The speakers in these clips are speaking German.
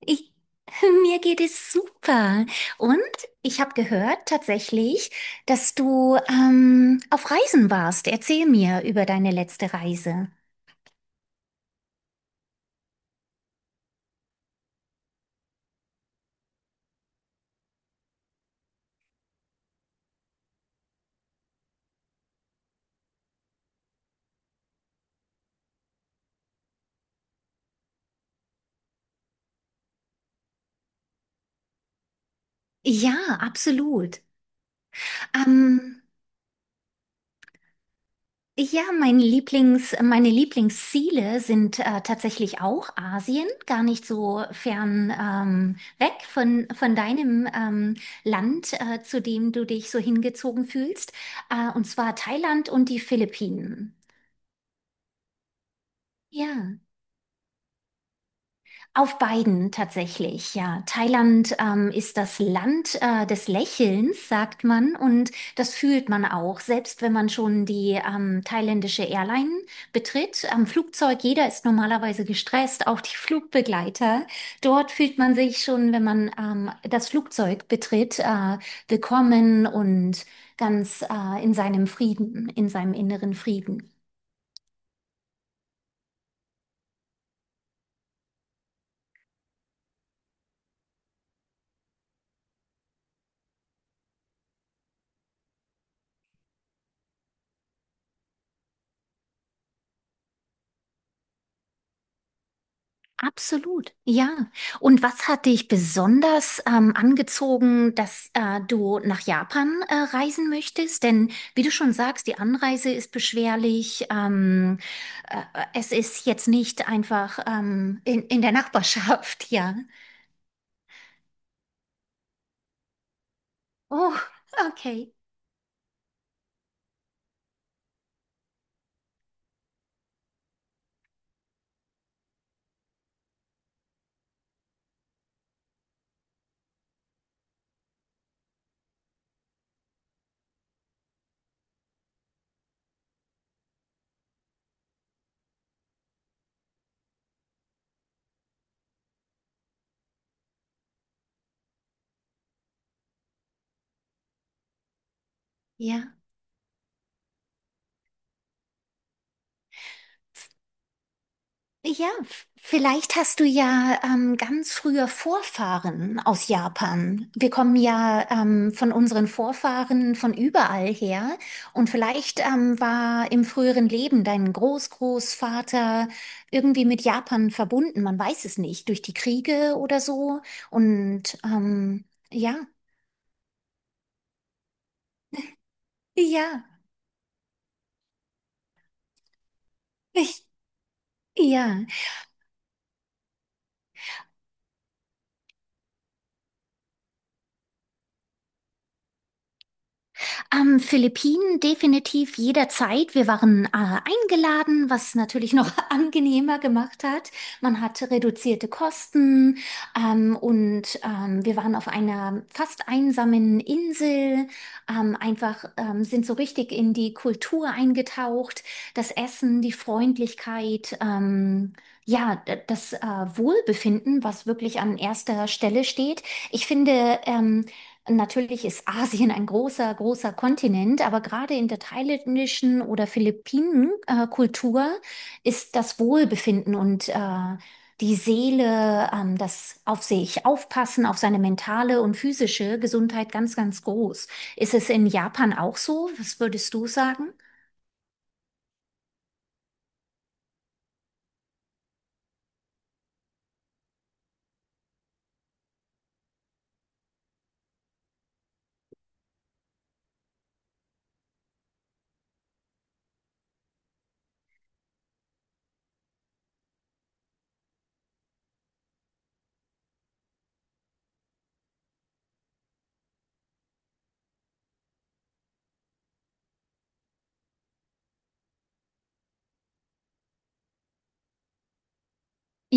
Ich, mir geht es super. Und ich habe gehört tatsächlich, dass du auf Reisen warst. Erzähl mir über deine letzte Reise. Ja, absolut. Ähm, ja, meine Lieblingsziele sind tatsächlich auch Asien, gar nicht so fern weg von deinem Land, zu dem du dich so hingezogen fühlst, und zwar Thailand und die Philippinen. Ja. Auf beiden tatsächlich, ja. Thailand ist das Land des Lächelns, sagt man, und das fühlt man auch, selbst wenn man schon die thailändische Airline betritt. Am Flugzeug, jeder ist normalerweise gestresst, auch die Flugbegleiter. Dort fühlt man sich schon, wenn man das Flugzeug betritt, willkommen und ganz in seinem Frieden, in seinem inneren Frieden. Absolut, ja. Und was hat dich besonders angezogen, dass du nach Japan reisen möchtest? Denn wie du schon sagst, die Anreise ist beschwerlich. Äh, Es ist jetzt nicht einfach in der Nachbarschaft, ja. Oh, okay, ja. Ja, vielleicht hast du ja ganz frühe Vorfahren aus Japan. Wir kommen ja von unseren Vorfahren von überall her. Und vielleicht war im früheren Leben dein Großgroßvater irgendwie mit Japan verbunden. Man weiß es nicht, durch die Kriege oder so. Und ähm, ja, ja, ich, ja. Philippinen definitiv jederzeit. Wir waren eingeladen, was natürlich noch angenehmer gemacht hat. Man hatte reduzierte Kosten wir waren auf einer fast einsamen Insel. Einfach sind so richtig in die Kultur eingetaucht. Das Essen, die Freundlichkeit, ja, das Wohlbefinden, was wirklich an erster Stelle steht. Ich finde, natürlich ist Asien ein großer, großer Kontinent, aber gerade in der thailändischen oder Philippinen-Kultur ist das Wohlbefinden und die Seele, das auf sich aufpassen, auf seine mentale und physische Gesundheit ganz, ganz groß. Ist es in Japan auch so? Was würdest du sagen?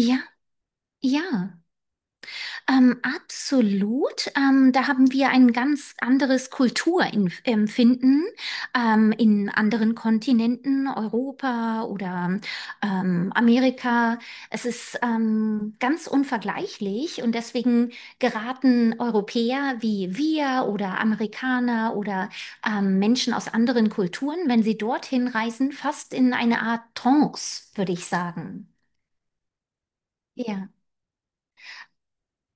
Ja, ja. Absolut. Da haben wir ein ganz anderes Kulturempfinden in anderen Kontinenten, Europa oder Amerika. Es ist ganz unvergleichlich und deswegen geraten Europäer wie wir oder Amerikaner oder Menschen aus anderen Kulturen, wenn sie dorthin reisen, fast in eine Art Trance, würde ich sagen. Ja.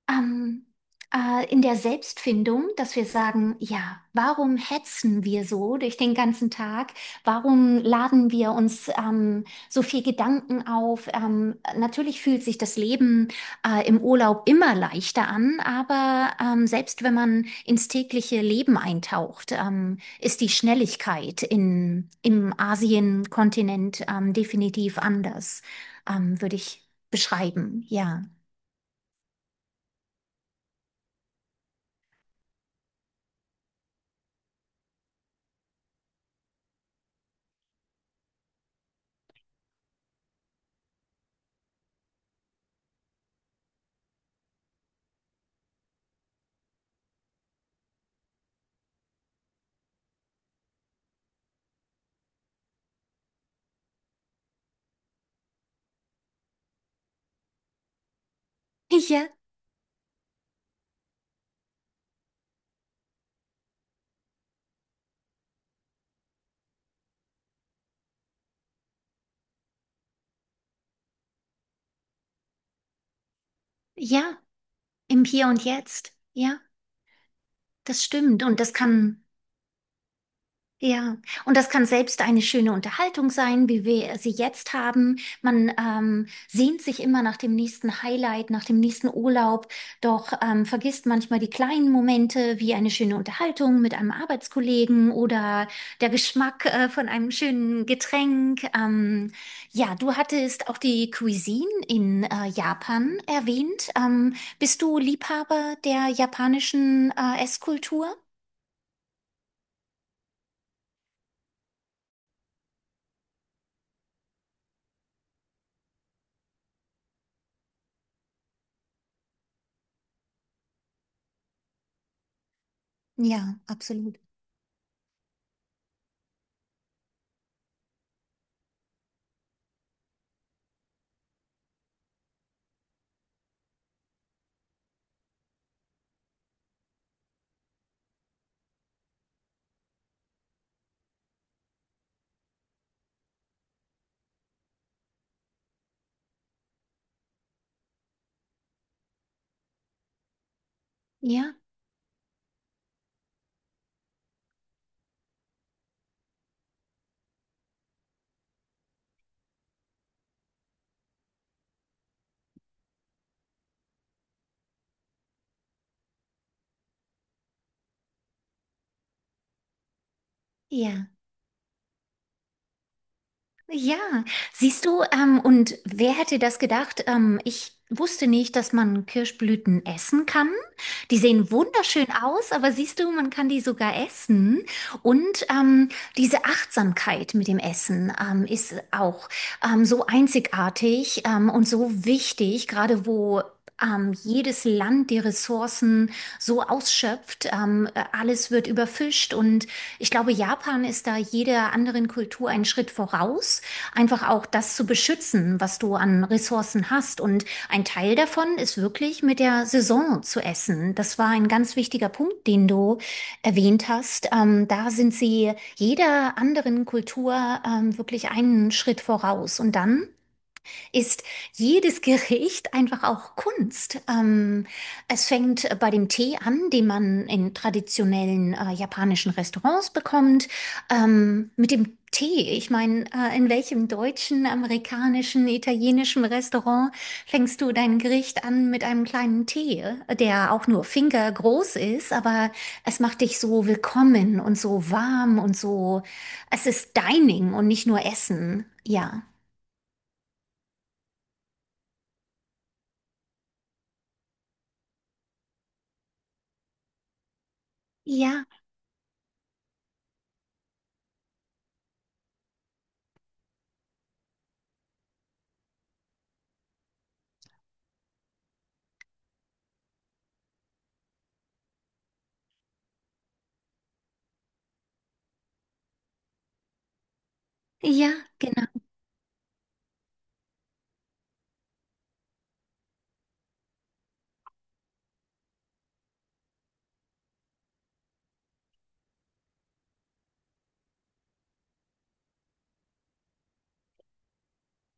Ähm, in der Selbstfindung, dass wir sagen, ja, warum hetzen wir so durch den ganzen Tag? Warum laden wir uns so viel Gedanken auf? Natürlich fühlt sich das Leben im Urlaub immer leichter an, aber selbst wenn man ins tägliche Leben eintaucht, ist die Schnelligkeit im Asienkontinent definitiv anders, würde ich beschreiben. Ja. Ja, ja. Im Hier und Jetzt, ja, das stimmt. Und das kann, ja, und das kann selbst eine schöne Unterhaltung sein, wie wir sie jetzt haben. Man sehnt sich immer nach dem nächsten Highlight, nach dem nächsten Urlaub, doch vergisst manchmal die kleinen Momente, wie eine schöne Unterhaltung mit einem Arbeitskollegen oder der Geschmack von einem schönen Getränk. Ja, du hattest auch die Cuisine in Japan erwähnt. Bist du Liebhaber der japanischen Esskultur? Ja, absolut. Ja, ja. Ja, siehst du, und wer hätte das gedacht? Ich wusste nicht, dass man Kirschblüten essen kann. Die sehen wunderschön aus, aber siehst du, man kann die sogar essen. Und diese Achtsamkeit mit dem Essen ist auch so einzigartig und so wichtig, gerade wo jedes Land die Ressourcen so ausschöpft. Alles wird überfischt und ich glaube, Japan ist da jeder anderen Kultur einen Schritt voraus, einfach auch das zu beschützen, was du an Ressourcen hast. Und ein Teil davon ist wirklich mit der Saison zu essen. Das war ein ganz wichtiger Punkt, den du erwähnt hast. Da sind sie jeder anderen Kultur wirklich einen Schritt voraus. Und dann ist jedes Gericht einfach auch Kunst. Es fängt bei dem Tee an, den man in traditionellen japanischen Restaurants bekommt. Mit dem Tee, ich meine, in welchem deutschen, amerikanischen, italienischen Restaurant fängst du dein Gericht an mit einem kleinen Tee, der auch nur fingergroß ist, aber es macht dich so willkommen und so warm und so, es ist Dining und nicht nur Essen. Ja. Ja. Ja, genau.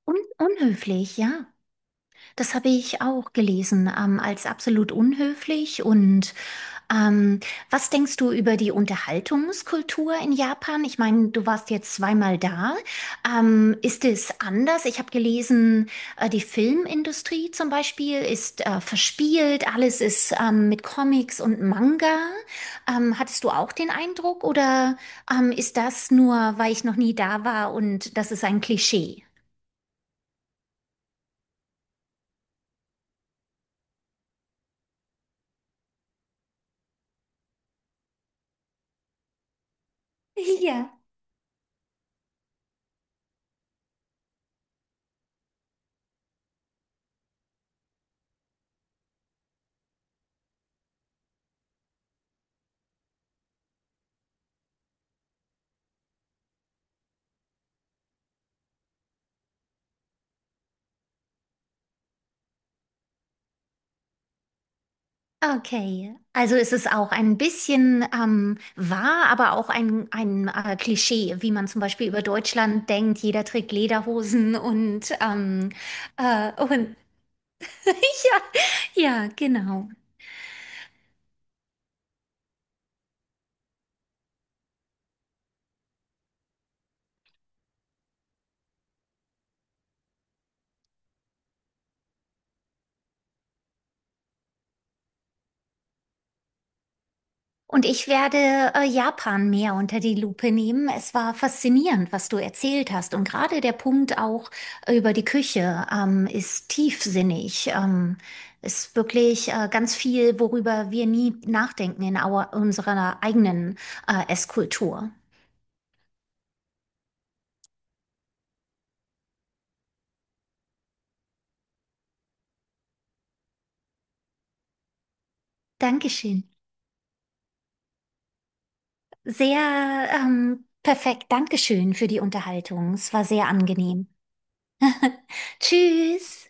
Un unhöflich, ja. Das habe ich auch gelesen, als absolut unhöflich. Und ähm, was denkst du über die Unterhaltungskultur in Japan? Ich meine, du warst jetzt zweimal da. Ist es anders? Ich habe gelesen, die Filmindustrie zum Beispiel ist verspielt, alles ist mit Comics und Manga. Hattest du auch den Eindruck oder ist das nur, weil ich noch nie da war und das ist ein Klischee? Ja, okay. Also es ist auch ein bisschen wahr, aber auch ein Klischee, wie man zum Beispiel über Deutschland denkt, jeder trägt Lederhosen und, und ja, ja, genau. Und ich werde Japan mehr unter die Lupe nehmen. Es war faszinierend, was du erzählt hast. Und gerade der Punkt auch über die Küche ist tiefsinnig. Ist wirklich ganz viel, worüber wir nie nachdenken in unserer eigenen Esskultur. Dankeschön. Sehr perfekt. Dankeschön für die Unterhaltung. Es war sehr angenehm. Tschüss.